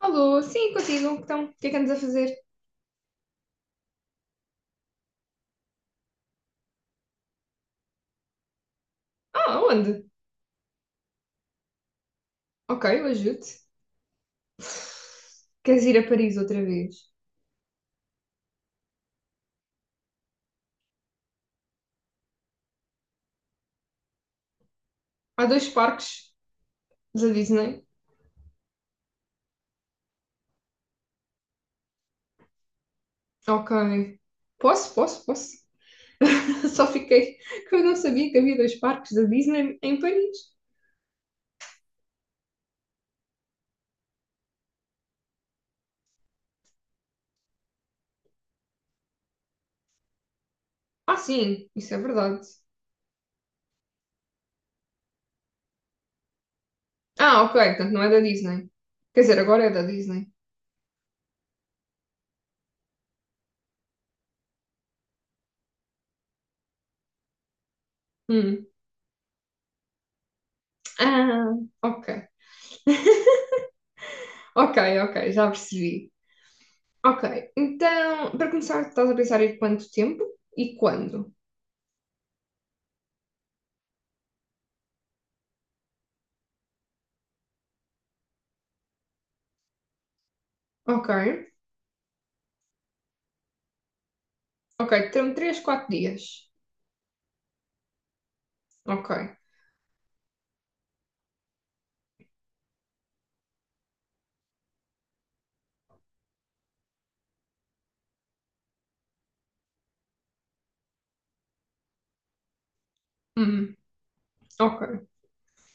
Alô, sim, contigo. Então, o que é que andas a fazer? Ah, onde? Ok, eu ajudo-te. Queres ir a Paris outra vez? Há dois parques da Disney. Ok. Posso, posso, posso. Só fiquei que eu não sabia que havia dois parques da Disney em Paris. Ah, sim, isso é verdade. Ah, ok, portanto não é da Disney. Quer dizer, agora é da Disney. Hum. Ah, ok. Ok, ok, já percebi. Ok, então, para começar, estás a pensar em quanto tempo e quando? Ok, ok, termo 3, 4 dias. Ok. Uhum. Ok.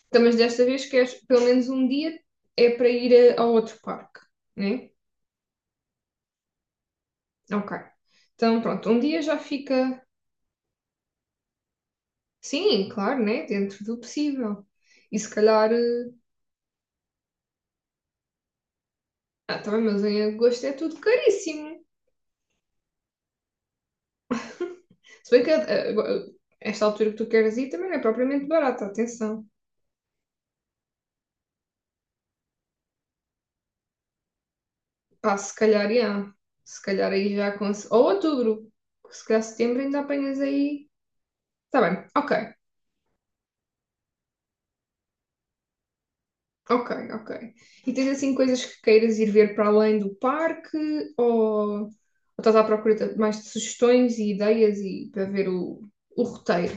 Então, mas desta vez queres pelo menos um dia é para ir ao outro parque, né? Ok. Então, pronto, um dia já fica, sim, claro, né? Dentro do possível. E se calhar, ah, tá bem, mas em agosto é tudo caríssimo. Se bem que agora, esta altura que tu queres ir também não é propriamente barata, atenção. Pá, se calhar, já. Se calhar aí já com. Ou outubro, se calhar setembro ainda apanhas aí. Está bem, ok, ok, ok. E tens assim coisas que queiras ir ver para além do parque ou estás à procura de mais de sugestões e ideias e para ver o roteiro?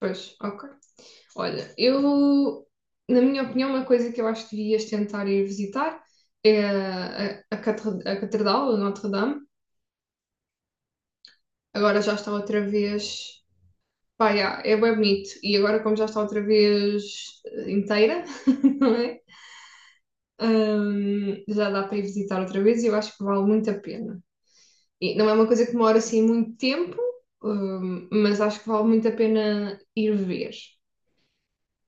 Pois, ok. Olha, eu, na minha opinião, uma coisa que eu acho que devias tentar ir visitar é a Catedral de Notre-Dame. Agora já está outra vez. Pá, yeah, é bem bonito. E agora, como já está outra vez inteira, não é? Já dá para ir visitar outra vez e eu acho que vale muito a pena. E não é uma coisa que demora assim muito tempo, mas acho que vale muito a pena ir ver.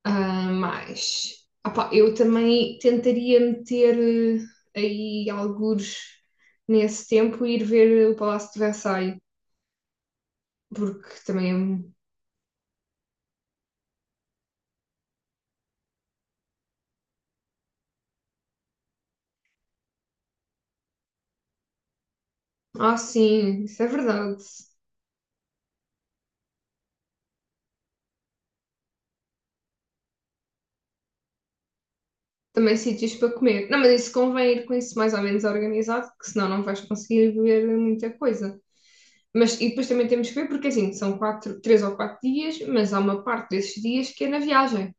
Ah, mas opá, eu também tentaria meter aí algures nesse tempo e ir ver o Palácio de Versailles, porque também é um. Ah, sim, isso é verdade. Também sítios para comer. Não, mas isso convém ir com isso mais ou menos organizado, que senão não vais conseguir ver muita coisa. Mas, e depois também temos que ver, porque assim, são 4, 3 ou 4 dias, mas há uma parte desses dias que é na viagem.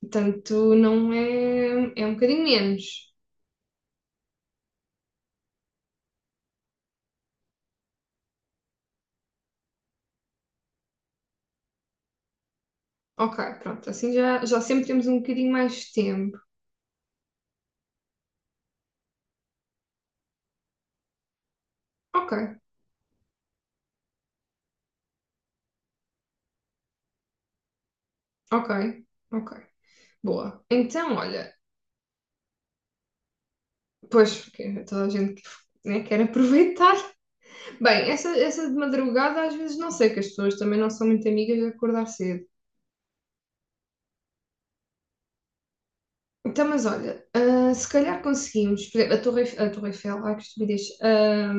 Portanto, não é, é um bocadinho menos. Ok, pronto, assim já sempre temos um bocadinho mais de tempo. Ok, ok, ok. Boa. Então, olha, pois, porque toda a gente né, quer aproveitar. Bem, essa de madrugada às vezes não sei, que as pessoas também não são muito amigas de acordar cedo. Então, mas olha, ah, se calhar conseguimos, por exemplo, a Torre Eiffel, ai que estupidez, ah,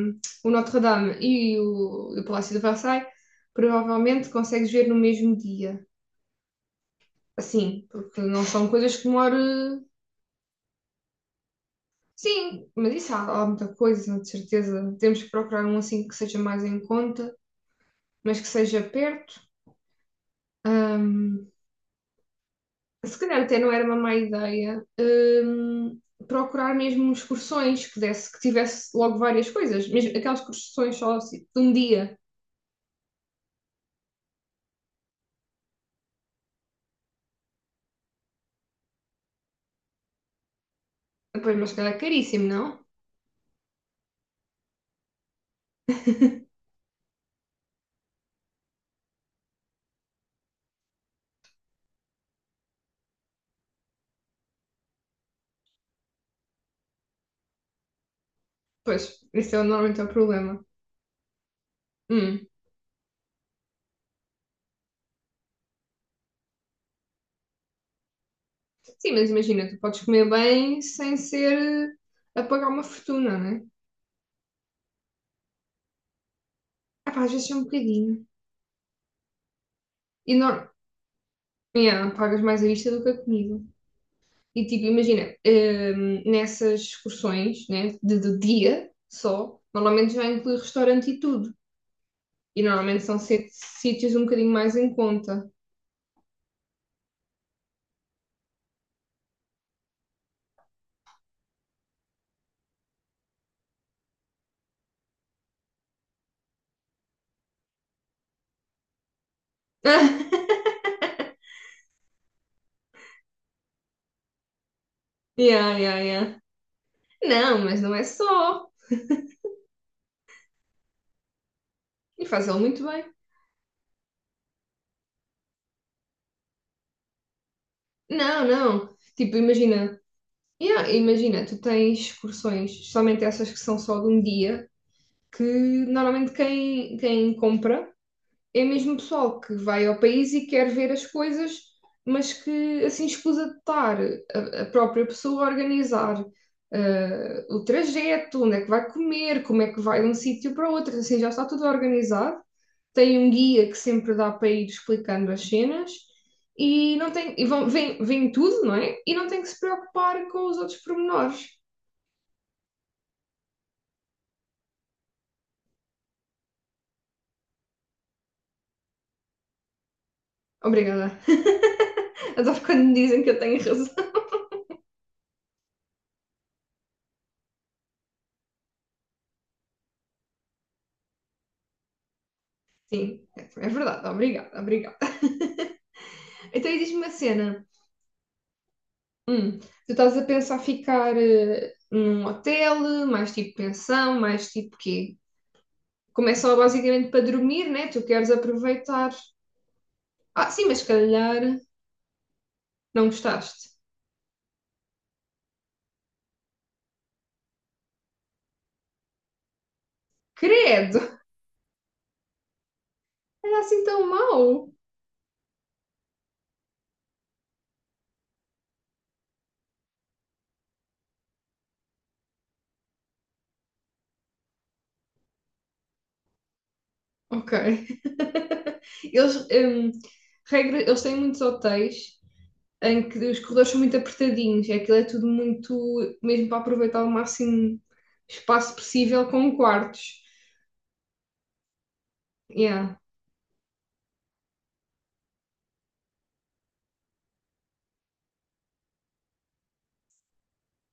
o Notre-Dame e o Palácio de Versailles, provavelmente consegues ver no mesmo dia. Assim, porque não são coisas que demoram. Sim, mas isso há muita coisa, de certeza. Temos que procurar um assim que seja mais em conta, mas que seja perto. Ah, se calhar até não era uma má ideia, procurar mesmo excursões que desse, que tivesse logo várias coisas, mesmo aquelas excursões só assim, de um dia. Ah, pois, mas se calhar é caríssimo, não? Pois, esse é normalmente é o problema. Hum. Sim, mas imagina, tu podes comer bem sem ser a pagar uma fortuna, né? Ah, pá, às vezes é um bocadinho. E não, yeah, pagas mais a vista do que a comida. E tipo, imagina, nessas excursões, né, de dia só, normalmente já inclui restaurante e tudo. E normalmente são sítios um bocadinho mais em conta. Yeah, yeah, yeah. Não, mas não é só. E fazê-lo muito bem. Não, não. Tipo, imagina. Yeah, imagina, tu tens excursões, somente essas que são só de um dia, que normalmente quem compra é mesmo pessoal que vai ao país e quer ver as coisas, mas que assim escusa de estar a própria pessoa a organizar o trajeto, onde é que vai comer, como é que vai de um sítio para outro, assim já está tudo organizado. Tem um guia que sempre dá para ir explicando as cenas e não tem e vão, vem tudo, não é? E não tem que se preocupar com os outros pormenores. Obrigada. Adoro quando me dizem que eu tenho razão. Sim, é verdade. Obrigada, obrigada. Então, e diz-me uma cena. Tu estás a pensar ficar num hotel, mais tipo pensão, mais tipo quê? Como é só basicamente para dormir, né? Tu queres aproveitar. Ah, sim, mas se calhar não gostaste. Credo! Era assim tão mau. Ok. Eles, regra, eles têm muitos hotéis em que os corredores são muito apertadinhos. E aquilo é tudo muito, mesmo para aproveitar o máximo espaço possível com quartos. Yeah.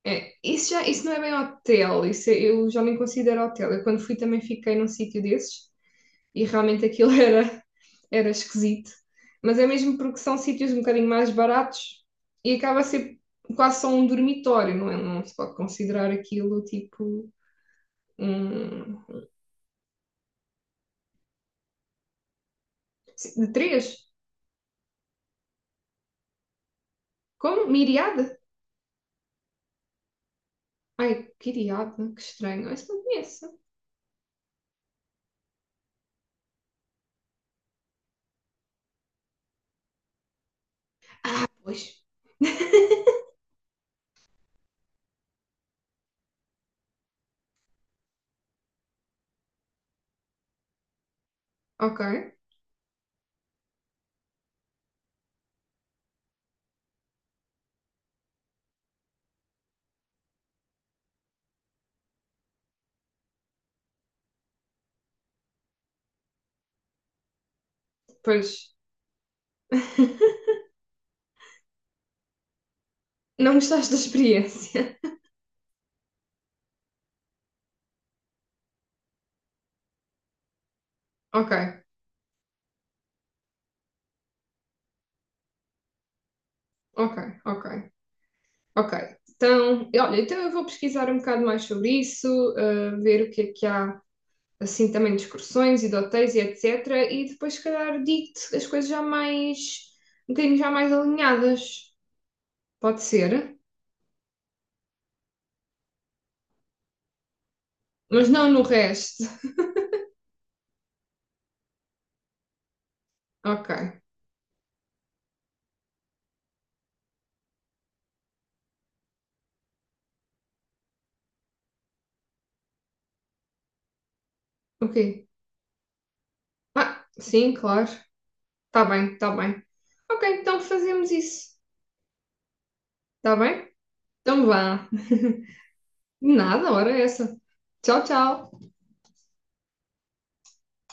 É, isso, já, isso não é bem hotel, eu já nem considero hotel. Eu quando fui também fiquei num sítio desses e realmente aquilo era esquisito. Mas é mesmo porque são sítios um bocadinho mais baratos e acaba a ser quase só um dormitório, não é? Não se pode considerar aquilo tipo um. De três? Como? Miriada? Ai, quiriada, que estranho. Isso não conheço. Pois. Ok, pois. Não gostaste da experiência? Ok, ok, ok. Ok, então, e olha, então eu vou pesquisar um bocado mais sobre isso, ver o que é que há, assim, também de excursões e de hotéis e etc. E depois, se calhar, digo-te as coisas já mais, um bocadinho já mais alinhadas. Pode ser, mas não no resto. Ok, ok. Ah, sim, claro. Tá bem, tá bem. Ok, então fazemos isso. Tá bem? Então vá. Nada, hora é essa. Tchau, tchau.